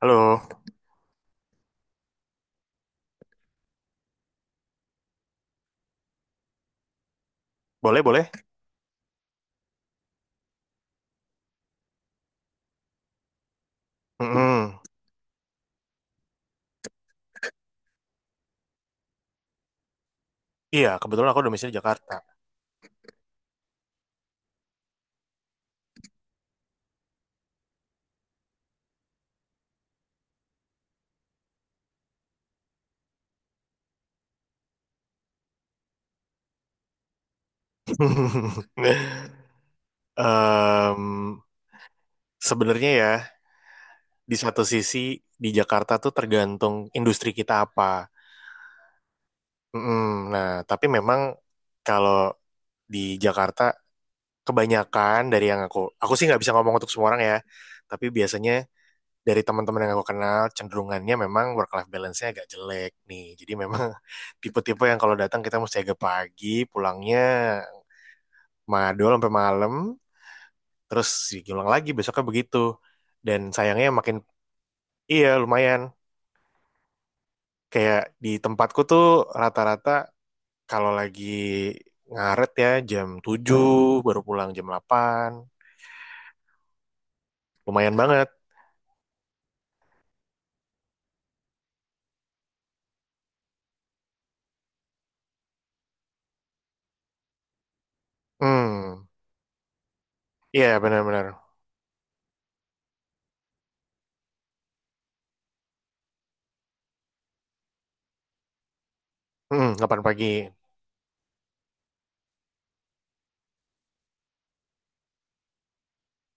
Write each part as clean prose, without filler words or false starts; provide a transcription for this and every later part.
Halo, boleh boleh. Mm-mm. Iya, kebetulan aku domisili Jakarta. Em, Sebenarnya ya, di satu sisi di Jakarta tuh tergantung industri kita apa. Mm-mm. Nah, tapi memang kalau di Jakarta kebanyakan dari yang aku sih nggak bisa ngomong untuk semua orang ya. Tapi biasanya dari teman-teman yang aku kenal cenderungannya memang work life balance-nya agak jelek nih. Jadi memang tipe-tipe yang kalau datang kita mesti agak pagi, pulangnya madol sampai malam terus diulang lagi besoknya begitu dan sayangnya makin. Iya, lumayan, kayak di tempatku tuh rata-rata kalau lagi ngaret ya jam 7 baru pulang jam 8. Lumayan banget. hmm iya, benar-benar. Delapan pagi.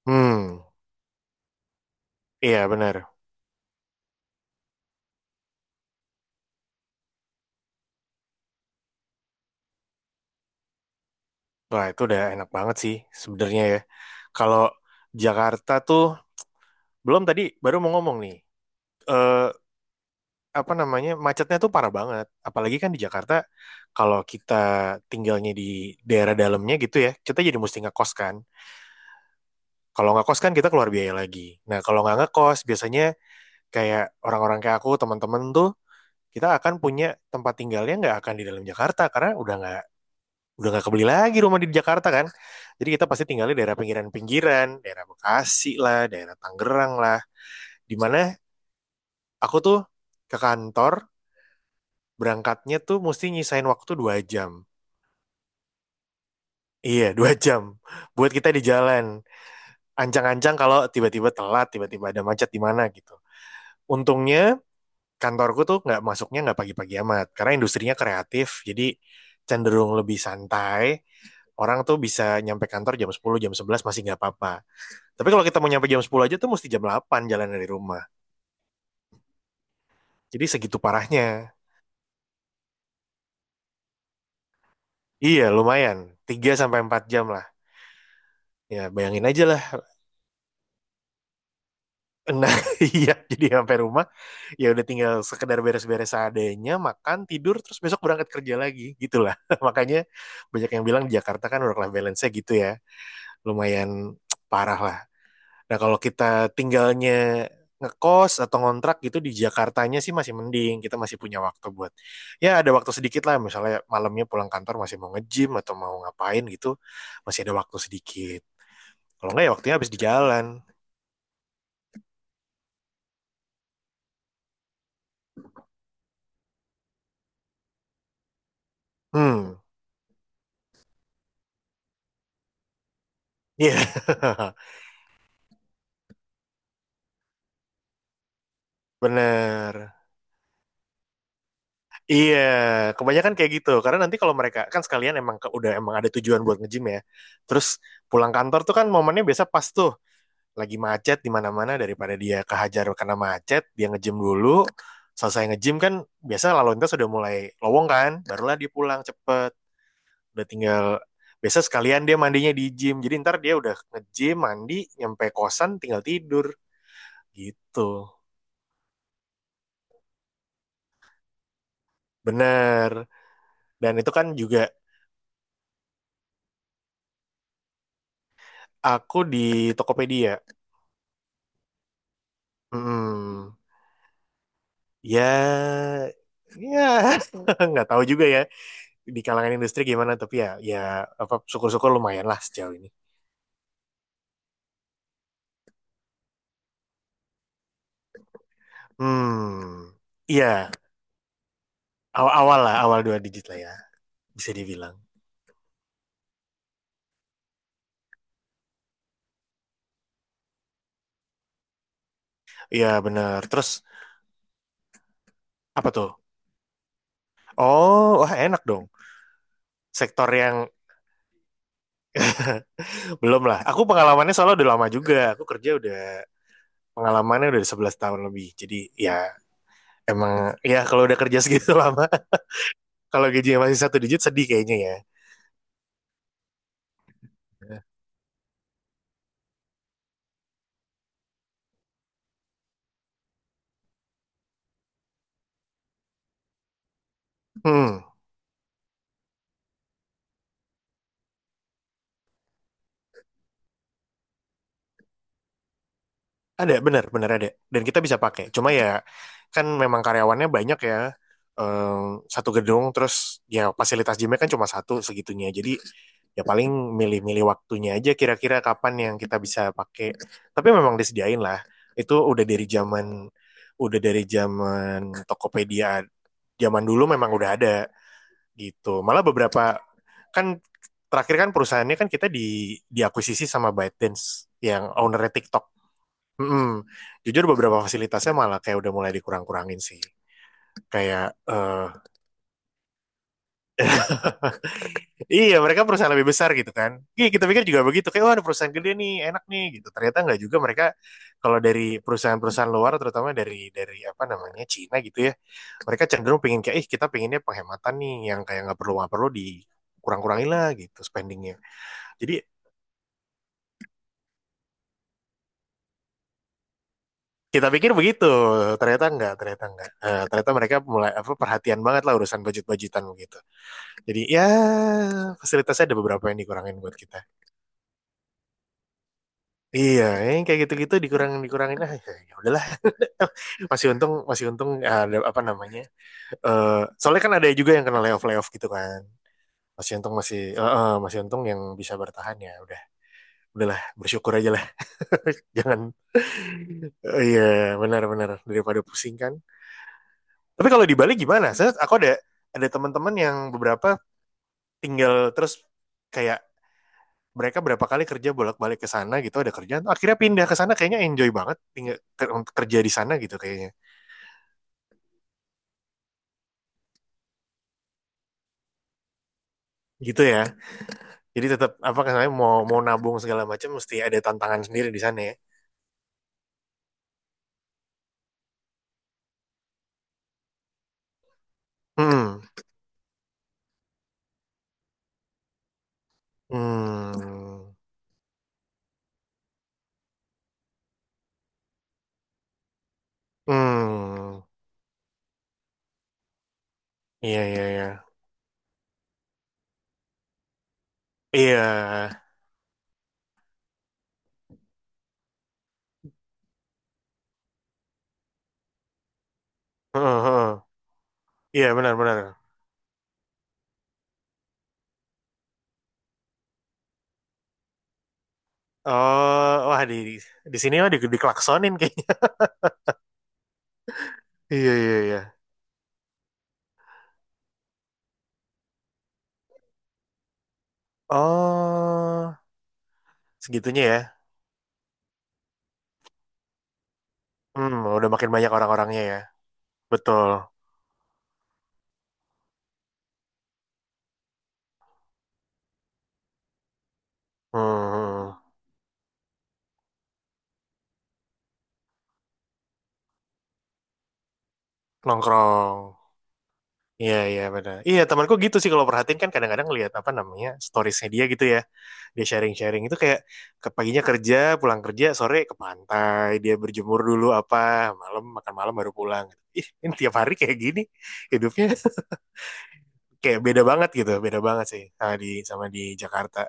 hmm iya, benar. Wah, itu udah enak banget sih sebenarnya ya. Kalau Jakarta tuh belum, tadi baru mau ngomong nih. Eh Apa namanya, macetnya tuh parah banget, apalagi kan di Jakarta kalau kita tinggalnya di daerah dalamnya gitu ya, kita jadi mesti ngekos kan. Kalau nggak kos kan kita keluar biaya lagi. Nah, kalau nggak ngekos biasanya kayak orang-orang kayak aku teman-teman tuh kita akan punya tempat tinggalnya nggak akan di dalam Jakarta karena udah nggak kebeli lagi rumah di Jakarta kan. Jadi kita pasti tinggal di daerah pinggiran-pinggiran, daerah Bekasi lah, daerah Tangerang lah, dimana aku tuh ke kantor berangkatnya tuh mesti nyisain waktu 2 jam. Iya, dua jam. Buat kita di jalan. Ancang-ancang kalau tiba-tiba telat, tiba-tiba ada macet di mana gitu. Untungnya kantorku tuh nggak masuknya nggak pagi-pagi amat. Karena industrinya kreatif, jadi cenderung lebih santai. Orang tuh bisa nyampe kantor jam 10 jam 11 masih nggak apa-apa. Tapi kalau kita mau nyampe jam 10 aja tuh mesti jam 8 jalan dari rumah. Jadi segitu parahnya. Iya, lumayan. 3 sampai 4 jam lah. Ya, bayangin aja lah. Nah, iya, jadi sampai rumah ya udah tinggal sekedar beres-beres seadanya, makan, tidur, terus besok berangkat kerja lagi, gitulah. Makanya banyak yang bilang di Jakarta kan work life balance-nya gitu ya, lumayan parah lah. Nah, kalau kita tinggalnya ngekos atau ngontrak gitu di Jakartanya sih masih mending, kita masih punya waktu buat, ya ada waktu sedikit lah, misalnya malamnya pulang kantor masih mau nge-gym atau mau ngapain gitu, masih ada waktu sedikit. Kalau enggak ya waktunya habis di jalan. hmm iya, yeah. Bener. Iya, kebanyakan kayak gitu. Karena nanti kalau mereka kan sekalian emang udah emang ada tujuan buat nge-gym ya. Terus pulang kantor tuh kan momennya biasa pas tuh lagi macet di mana-mana, daripada dia kehajar karena macet, dia nge-gym dulu. Selesai nge-gym kan biasa lalu lintas sudah mulai lowong kan, barulah dia pulang cepet. Udah tinggal biasa sekalian dia mandinya di gym. Jadi ntar dia udah nge-gym, mandi, nyampe kosan tinggal tidur gitu. Bener. Dan itu kan juga aku di Tokopedia. Hmm. Ya, ya nggak tahu juga ya di kalangan industri gimana, tapi ya, apa syukur-syukur lumayan lah sejauh ini. Hmm, iya, awal-awal lah, awal dua digit lah ya, bisa dibilang. Iya bener. Terus apa tuh? Oh, wah enak dong. Sektor yang belum lah. Aku pengalamannya soalnya udah lama juga. Aku kerja udah pengalamannya udah 11 tahun lebih. Jadi ya emang, ya kalau udah kerja segitu lama, kalau gajinya masih satu digit sedih kayaknya ya. Hmm. Ada, benar, benar ada. Dan kita bisa pakai. Cuma ya, kan memang karyawannya banyak ya. Satu gedung, terus ya fasilitas gymnya kan cuma satu segitunya. Jadi ya paling milih-milih waktunya aja kira-kira kapan yang kita bisa pakai. Tapi memang disediain lah. Itu udah dari zaman Tokopedia. Zaman dulu memang udah ada gitu. Malah beberapa, kan terakhir kan perusahaannya kan kita diakuisisi sama ByteDance yang ownernya TikTok. Mm-mm. Jujur beberapa fasilitasnya malah kayak udah mulai dikurang-kurangin sih. Kayak, eh iya, mereka perusahaan lebih besar gitu kan. Iya, kita pikir juga begitu kayak wah ada perusahaan gede nih, enak nih gitu. Ternyata nggak juga, mereka kalau dari perusahaan-perusahaan luar, terutama dari apa namanya Cina gitu ya. Mereka cenderung pengen kayak ih kita pengennya penghematan nih, yang kayak nggak perlu dikurang-kurangin lah gitu spendingnya. Jadi kita pikir begitu, ternyata enggak, ternyata enggak. Ternyata mereka mulai apa perhatian banget lah urusan budget-budgetan begitu. Jadi ya fasilitasnya ada beberapa yang dikurangin buat kita. Iya, yang kayak gitu-gitu dikurangin dikurangin, ah ya, ya udahlah. Masih untung, masih untung ada apa namanya? Eh, Soalnya kan ada juga yang kena layoff layoff gitu kan. Masih untung, masih untung yang bisa bertahan, ya udah. Udahlah, bersyukur aja lah. Jangan. Oh, iya, benar-benar, daripada pusing kan. Tapi kalau di Bali gimana? Aku ada teman-teman yang beberapa tinggal, terus kayak mereka berapa kali kerja bolak-balik ke sana gitu, ada kerjaan akhirnya pindah ke sana, kayaknya enjoy banget tinggal kerja di sana gitu kayaknya, gitu ya. Jadi tetap apa namanya, mau mau nabung segala macam mesti ada tantangan sendiri di sana ya. Hmm. Hmm. Hmm. Iya, iya, iya, iya. Heeh, heeh. Iya, benar-benar. Oh, wah, di sini mah, dikelaksonin kayaknya. Iya, iya, iya. Oh, segitunya ya. Udah makin banyak orang-orangnya ya. Betul. Hmm. Hmm. Nongkrong. Iya, iya benar. Iya, temanku gitu sih kalau perhatiin, kan kadang-kadang lihat apa namanya storiesnya dia gitu ya. Dia sharing-sharing itu kayak ke paginya kerja, pulang kerja, sore ke pantai, dia berjemur dulu apa, malam makan malam baru pulang. Ih, ini tiap hari kayak gini hidupnya. Kayak beda banget gitu, beda banget sih sama di Jakarta.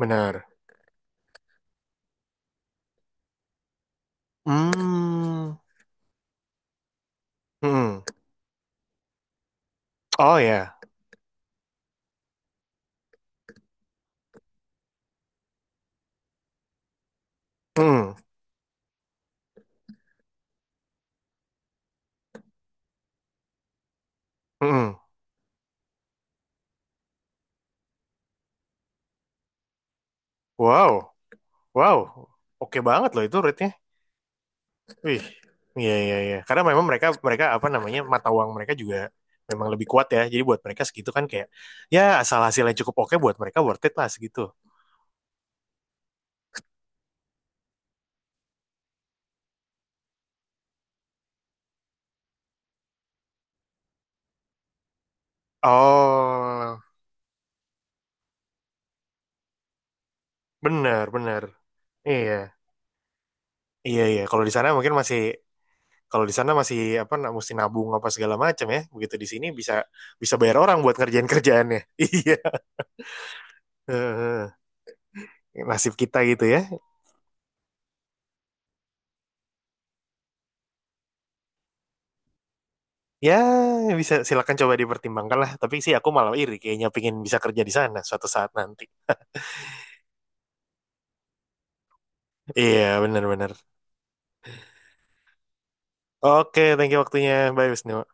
Benar. Hmm. Hmm. Oh ya. Hmm. Hmm. Wow. Wow. Oke banget loh itu rate-nya. Wih, iya, iya, iya. Karena memang mereka mereka apa namanya mata uang mereka juga memang lebih kuat ya. Jadi buat mereka segitu kan kayak ya asal hasilnya cukup oke buat mereka worth it lah segitu. Oh, benar benar. Iya, iya, iya. Kalau di sana masih apa mesti nabung apa segala macam ya. Begitu di sini bisa bisa bayar orang buat ngerjain kerjaannya. Iya. Heeh. Nasib kita gitu ya. Ya bisa, silakan coba dipertimbangkan lah. Tapi sih aku malah iri kayaknya pingin bisa kerja di sana suatu saat nanti. Iya, benar-benar. Oke, thank you waktunya. Bye, Wisnu.